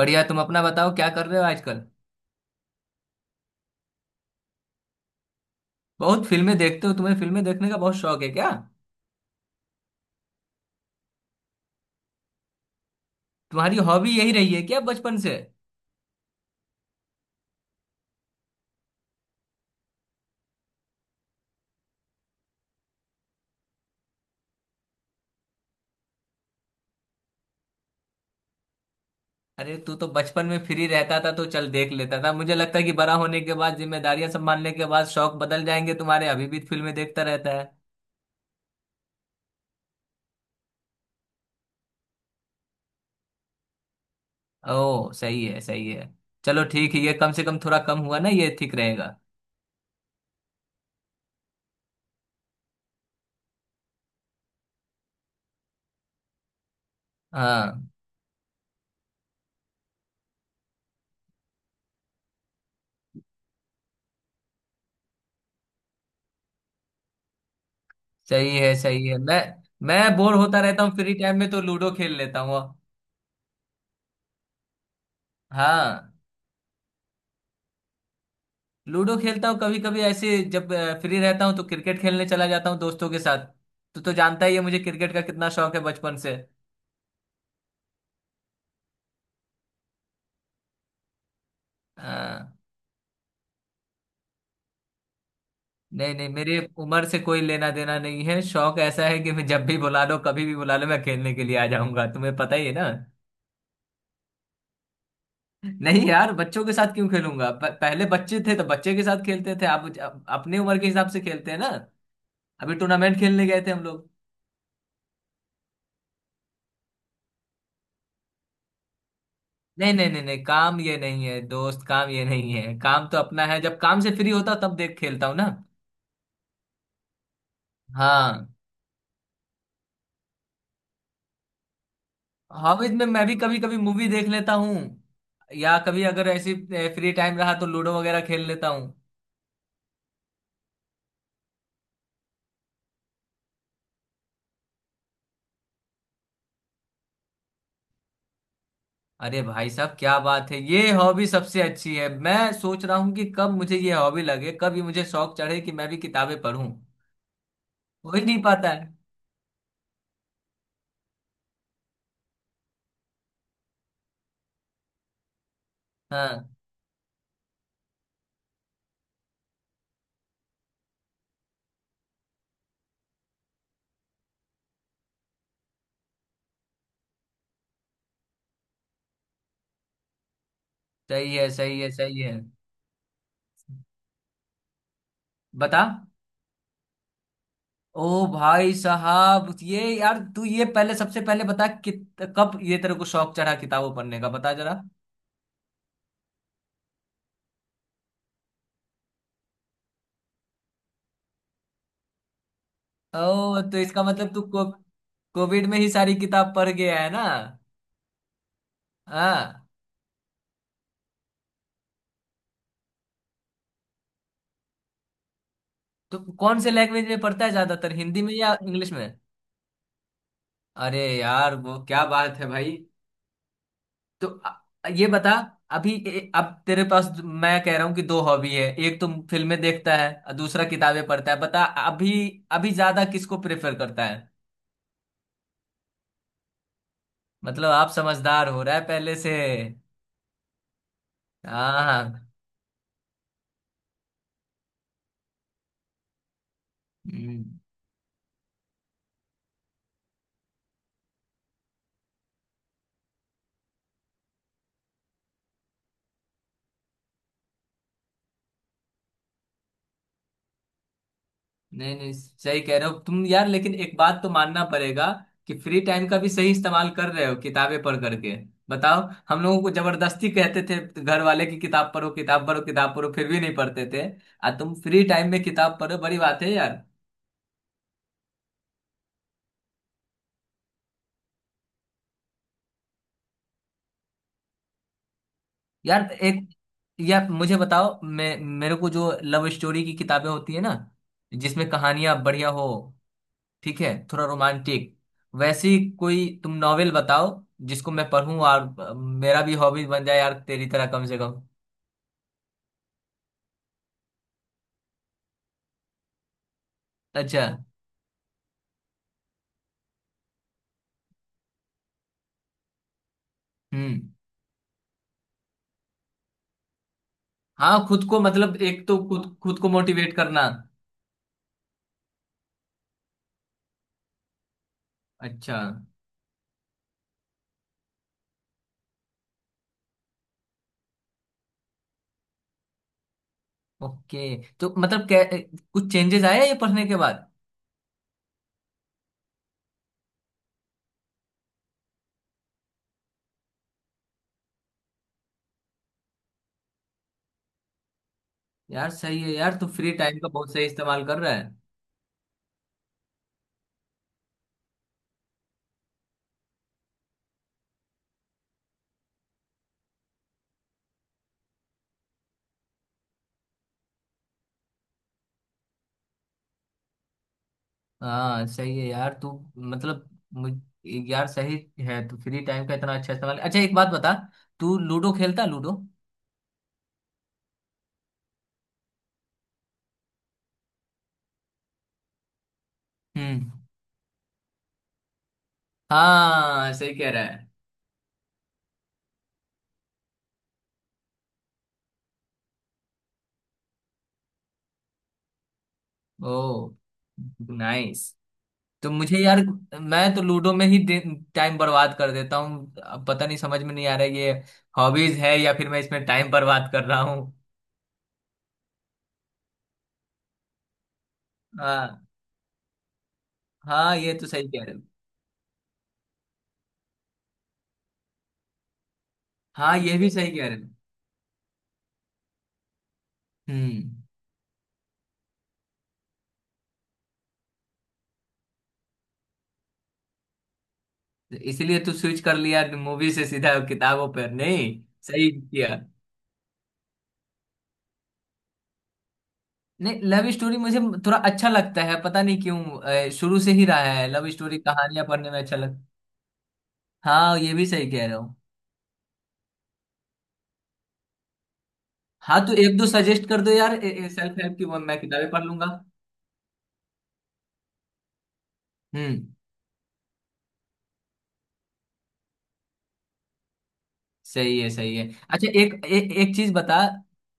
बढ़िया। तुम अपना बताओ क्या कर रहे हो आजकल? बहुत फिल्में देखते हो। तुम्हें फिल्में देखने का बहुत शौक है क्या? तुम्हारी हॉबी यही रही है क्या बचपन से? अरे तू तो बचपन में फ्री रहता था तो चल देख लेता था। मुझे लगता है कि बड़ा होने के बाद जिम्मेदारियां संभालने के बाद शौक बदल जाएंगे तुम्हारे। अभी भी फिल्में देखता रहता है? ओ सही है, सही है। चलो ठीक है, ये कम से कम थोड़ा कम हुआ ना, ये ठीक रहेगा। हाँ सही है, सही है। मैं बोर होता रहता हूँ फ्री टाइम में तो लूडो खेल लेता हूँ। हाँ। लूडो खेलता हूँ कभी कभी, ऐसे जब फ्री रहता हूँ तो क्रिकेट खेलने चला जाता हूँ दोस्तों के साथ। तो जानता ही है मुझे क्रिकेट का कितना शौक है बचपन से। हाँ। नहीं नहीं, मेरी उम्र से कोई लेना देना नहीं है। शौक ऐसा है कि मैं, जब भी बुला लो कभी भी बुला लो मैं खेलने के लिए आ जाऊंगा। तुम्हें पता ही है ना। नहीं यार, बच्चों के साथ क्यों खेलूंगा? पहले बच्चे थे तो बच्चे के साथ खेलते थे। आप अपनी उम्र के हिसाब से खेलते हैं ना। अभी टूर्नामेंट खेलने गए थे हम लोग। नहीं नहीं नहीं नहीं, काम ये नहीं है दोस्त, काम ये नहीं है, काम तो अपना है। जब काम से फ्री होता हूं, तब देख खेलता हूँ ना। हाँ। हॉबीज में मैं भी कभी कभी मूवी देख लेता हूँ, या कभी अगर ऐसी फ्री टाइम रहा तो लूडो वगैरह खेल लेता हूँ। अरे भाई साहब क्या बात है, ये हॉबी सबसे अच्छी है। मैं सोच रहा हूँ कि कब मुझे ये हॉबी लगे, कब ये मुझे शौक चढ़े कि मैं भी किताबें पढूं। हो ही नहीं पाता है। हाँ सही है, सही है, सही है। बता। ओ भाई साहब ये, यार तू ये पहले, सबसे पहले बता, कित कब ये तेरे को शौक चढ़ा किताबें पढ़ने का, बता जरा। ओ तो इसका मतलब कोविड में ही सारी किताब पढ़ गया है ना? हाँ। तो कौन से लैंग्वेज में पढ़ता है ज्यादातर, हिंदी में या इंग्लिश में? अरे यार वो क्या बात है भाई। तो ये बता, अभी अब तेरे पास, मैं कह रहा हूँ कि दो हॉबी है, एक तो फिल्में देखता है और दूसरा किताबें पढ़ता है, बता अभी अभी ज्यादा किसको प्रेफर करता है? मतलब आप समझदार हो रहा है पहले से। हाँ हाँ। हम्म। नहीं नहीं, सही कह रहे हो तुम यार। लेकिन एक बात तो मानना पड़ेगा कि फ्री टाइम का भी सही इस्तेमाल कर रहे हो किताबें पढ़ करके। बताओ, हम लोगों को जबरदस्ती कहते थे घर वाले की, किताब पढ़ो किताब पढ़ो किताब पढ़ो, फिर भी नहीं पढ़ते थे। आ तुम फ्री टाइम में किताब पढ़ो, बड़ी बात है यार। यार एक, यार मुझे बताओ, मैं मेरे को जो लव स्टोरी की किताबें होती है ना जिसमें कहानियां बढ़िया हो, ठीक है, थोड़ा रोमांटिक वैसी, कोई तुम नॉवेल बताओ जिसको मैं पढ़ूं, और मेरा भी हॉबी बन जाए यार तेरी तरह कम से कम। अच्छा। हम्म। हाँ खुद को मतलब, एक तो खुद खुद को मोटिवेट करना। अच्छा। ओके तो मतलब क्या कुछ चेंजेस आया ये पढ़ने के बाद? यार सही है यार, तू फ्री टाइम का बहुत सही इस्तेमाल कर रहा है। हाँ सही है यार, तू, मतलब मुझ यार सही है, तू फ्री टाइम का इतना अच्छा इस्तेमाल। अच्छा एक बात बता, तू लूडो खेलता है? लूडो? हम्म। हाँ सही कह रहा है। ओ नाइस। तो मुझे यार, मैं तो लूडो में ही टाइम बर्बाद कर देता हूँ। अब पता नहीं समझ में नहीं आ रहा है ये हॉबीज है या फिर मैं इसमें टाइम बर्बाद कर रहा हूँ। हाँ हाँ, ये तो सही कह रहे हो। हाँ ये भी सही कह रहे हो। हम्म। तो इसलिए तू स्विच कर लिया मूवी से सीधा किताबों पर नहीं? सही किया। नहीं, लव स्टोरी मुझे थोड़ा अच्छा लगता है पता नहीं क्यों। शुरू से ही रहा है लव स्टोरी कहानियां पढ़ने में अच्छा लगता। हाँ ये भी सही कह रहे हो। हाँ तो एक दो सजेस्ट कर दो यार सेल्फ हेल्प की, वो मैं किताबें पढ़ लूंगा। हम्म। सही है, सही है। अच्छा एक एक चीज बता,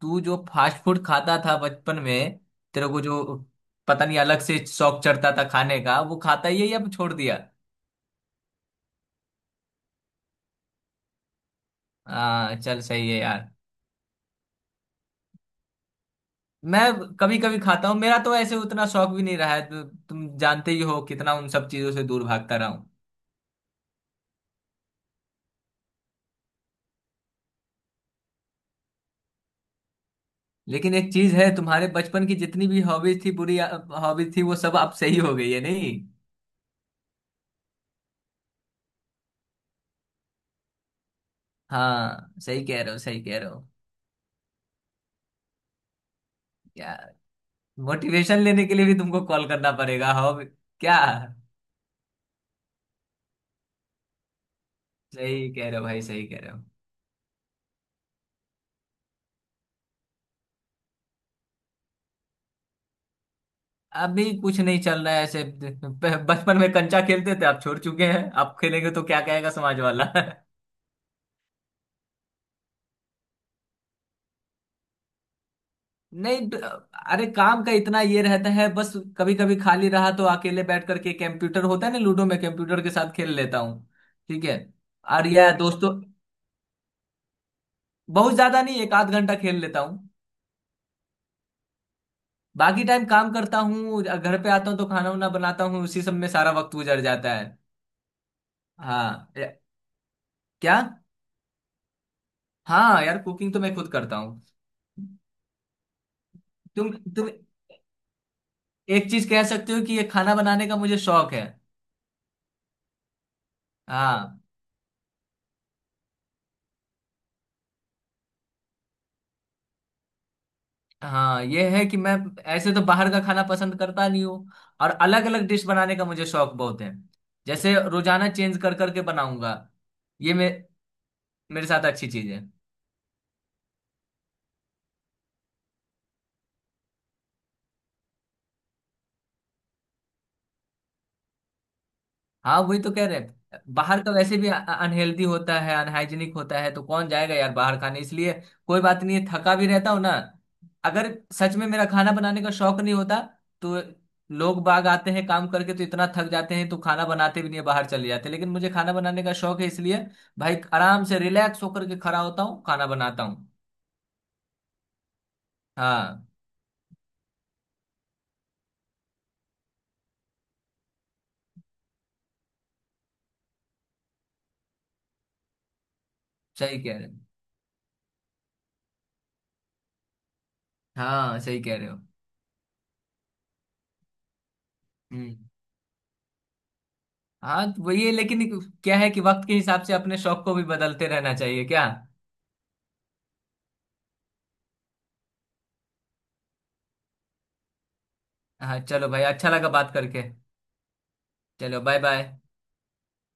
तू जो फास्ट फूड खाता था बचपन में, तेरे को जो, पता नहीं अलग से शौक चढ़ता था खाने का, वो खाता ही है या छोड़ दिया? हाँ चल सही है यार। मैं कभी कभी खाता हूँ। मेरा तो ऐसे उतना शौक भी नहीं रहा है। तुम जानते ही हो कितना उन सब चीजों से दूर भागता रहा हूँ। लेकिन एक चीज है, तुम्हारे बचपन की जितनी भी हॉबीज थी बुरी हॉबीज थी, वो सब अब सही हो गई है नहीं? हाँ सही कह रहे हो, सही कह रहे हो। यार मोटिवेशन लेने के लिए भी तुमको कॉल करना पड़ेगा हो क्या? सही कह रहे हो भाई, सही कह रहे हो। अभी कुछ नहीं चल रहा है ऐसे, बचपन में कंचा खेलते थे। आप छोड़ चुके हैं, आप खेलेंगे तो क्या कहेगा समाज वाला। नहीं अरे काम का इतना ये रहता है बस। कभी कभी खाली रहा तो अकेले बैठ करके, कंप्यूटर होता है ना लूडो में, कंप्यूटर के साथ खेल लेता हूँ। ठीक है। और या दोस्तों, बहुत ज्यादा नहीं, एक आध घंटा खेल लेता हूँ। बाकी टाइम काम करता हूँ। घर पे आता हूँ तो खाना वाना बनाता हूँ, उसी सब में सारा वक्त गुजर जाता है। हाँ क्या? हाँ यार, कुकिंग तो मैं खुद करता हूँ। तुम एक चीज कह सकते हो कि ये खाना बनाने का मुझे शौक है। हाँ। हाँ ये है कि मैं, ऐसे तो बाहर का खाना पसंद करता नहीं हूँ, और अलग अलग डिश बनाने का मुझे शौक बहुत है। जैसे रोजाना चेंज कर करके बनाऊंगा, ये मेरे साथ अच्छी चीज है। हाँ वही तो कह रहे हैं, बाहर का वैसे भी अनहेल्दी होता है, अनहाइजीनिक होता है, तो कौन जाएगा यार बाहर खाने, इसलिए। कोई बात नहीं है, थका भी रहता हूँ ना, अगर सच में मेरा खाना बनाने का शौक नहीं होता तो, लोग बाग आते हैं काम करके तो इतना थक जाते हैं तो खाना बनाते भी नहीं है, बाहर चले जाते हैं। लेकिन मुझे खाना बनाने का शौक है इसलिए भाई आराम से रिलैक्स होकर के खड़ा होता हूँ खाना बनाता हूँ। हाँ सही कह रहे हो, हाँ सही कह रहे हो। हम्म। हाँ तो वही है, लेकिन क्या है कि वक्त के हिसाब से अपने शौक को भी बदलते रहना चाहिए क्या? हाँ चलो भाई, अच्छा लगा बात करके। चलो बाय बाय।